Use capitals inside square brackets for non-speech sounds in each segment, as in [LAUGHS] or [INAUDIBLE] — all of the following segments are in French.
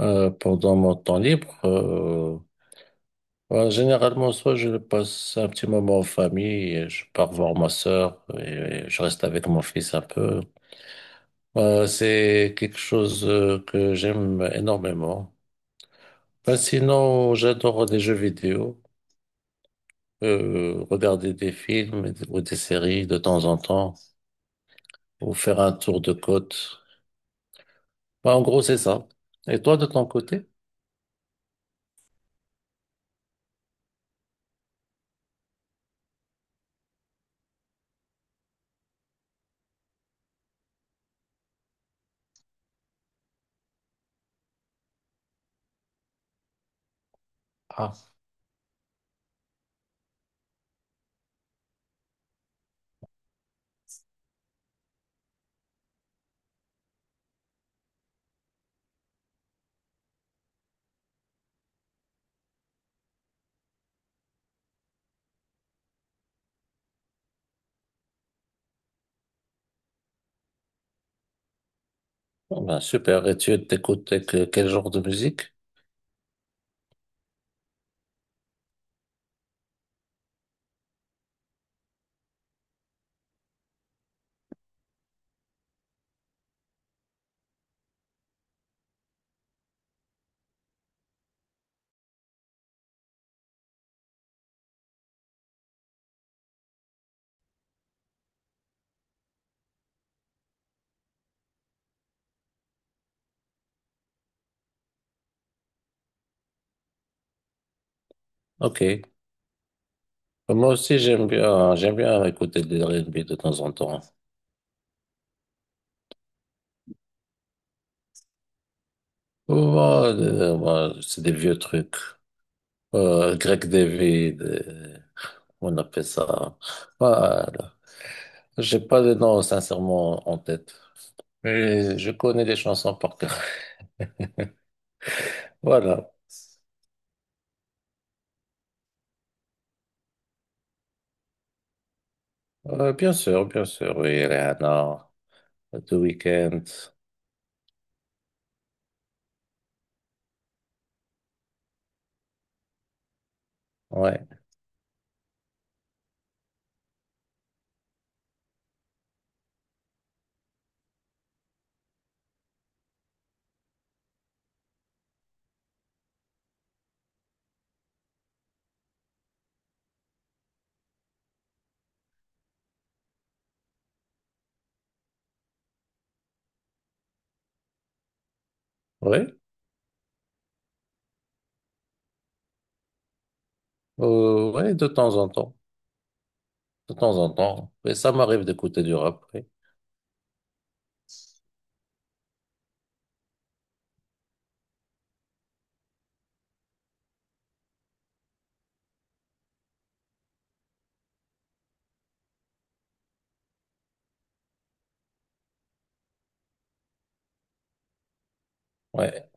Pendant mon temps libre, généralement, soit je passe un petit moment en famille, et je pars voir ma sœur et je reste avec mon fils un peu. C'est quelque chose que j'aime énormément. Ben, sinon, j'adore les jeux vidéo, regarder des films ou des séries de temps en temps, ou faire un tour de côte. Ben, en gros, c'est ça. Et toi, de ton côté? Ah, bah, super. Et tu quel genre de musique? Ok. Moi aussi, j'aime bien écouter des R&B de temps en temps. Moi, moi, c'est des vieux trucs. Greg David, on appelle ça. Voilà. J'ai pas de nom, sincèrement, en tête. Mais je connais des chansons par cœur. [LAUGHS] Voilà. Bien sûr, oui, Rihanna, The Weeknd, ouais, ouais, ouais, de temps en temps, de temps en temps, mais ça m'arrive d'écouter du rap, oui. ouais,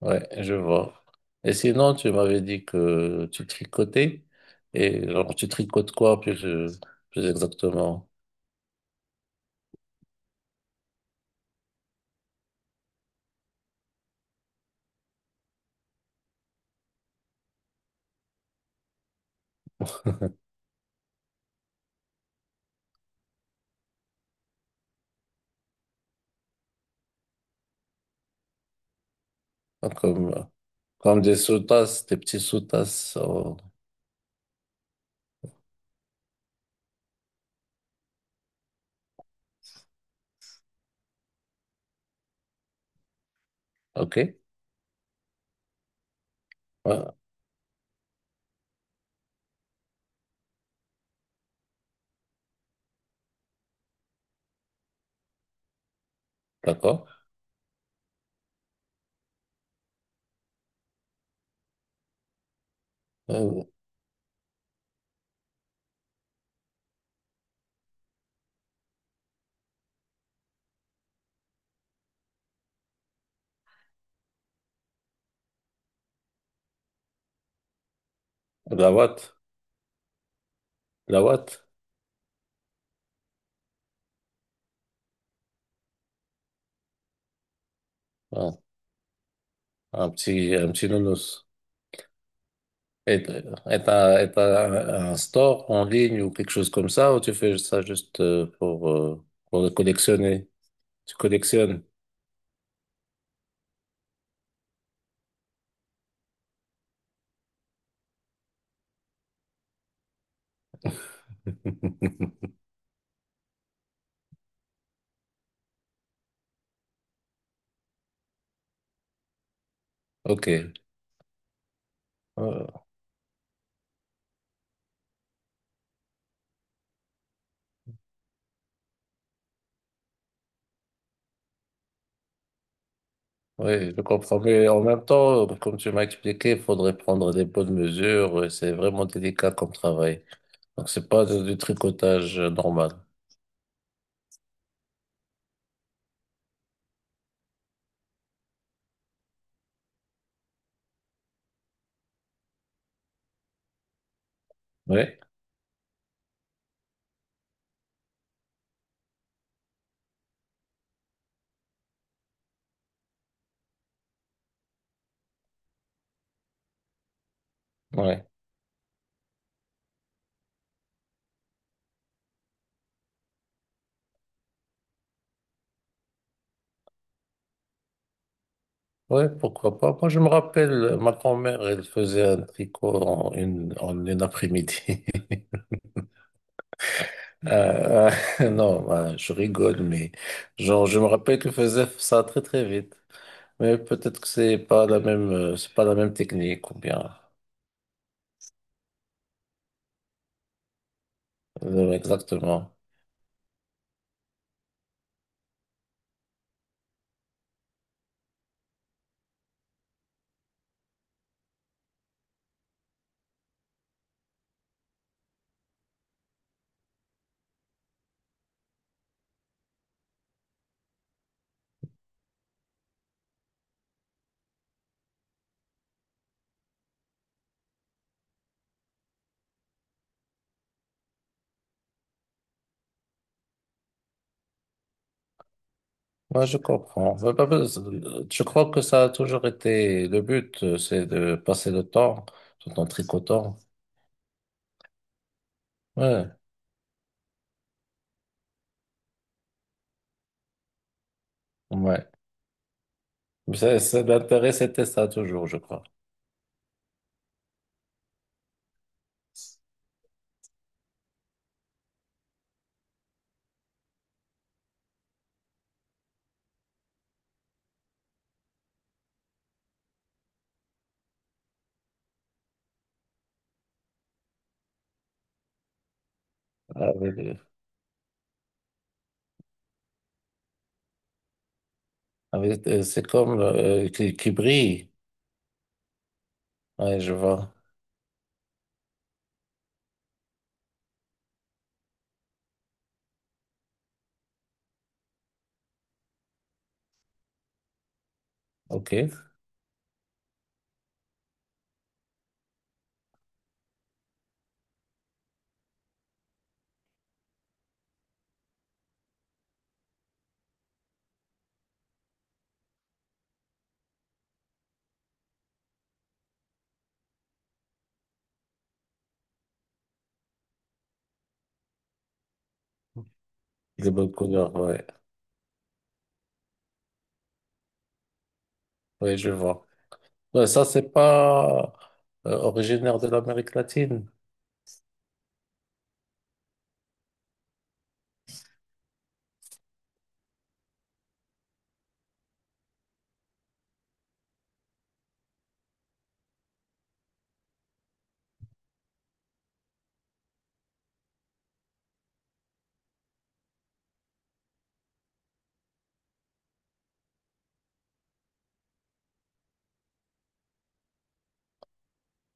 ouais, je vois. Et sinon, tu m'avais dit que tu tricotais, et genre, tu tricotes quoi plus, plus exactement? Hein, comme, comme des sous-tasses, des petits sous-tasses, ok, ouais, d'accord. Euh, la watt, la watt, ouais, un petit nounours. Est et T'as un store en ligne ou quelque chose comme ça, ou tu fais ça juste pour le collectionner? Tu collectionnes? [LAUGHS] Ok. Euh, oui, je comprends. Mais en même temps, comme tu m'as expliqué, il faudrait prendre des bonnes mesures. Et c'est vraiment délicat comme travail. Donc, c'est pas du tricotage normal. Oui, oui. Oui, pourquoi pas. Moi, je me rappelle, ma grand-mère, elle faisait un tricot en une après-midi. [LAUGHS] Euh, [LAUGHS] non, ben, je rigole, mais genre, je me rappelle qu'il faisait ça très très vite. Mais peut-être que c'est pas la même, c'est pas la même technique ou bien exactement. Moi, je comprends. Ouais, bah, bah, je crois que ça a toujours été le but, c'est de passer le temps tout en tricotant. Ouais, ouais. Mais ça, l'intérêt, c'était ça toujours, je crois. Avec- c'est comme qui brille. Ouais, je vois. Ok. Les bonnes couleurs, ouais. Oui, je vois. Ouais, ça, c'est pas originaire de l'Amérique latine.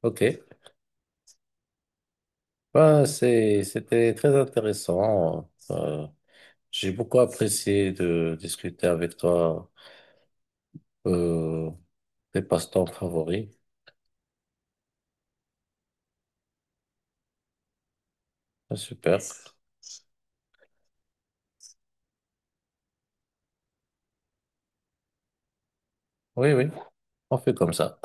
OK. Ben, c'était très intéressant. J'ai beaucoup apprécié de discuter avec toi euh, tes passe-temps favoris. Ah, super. Oui, oui, on fait comme ça.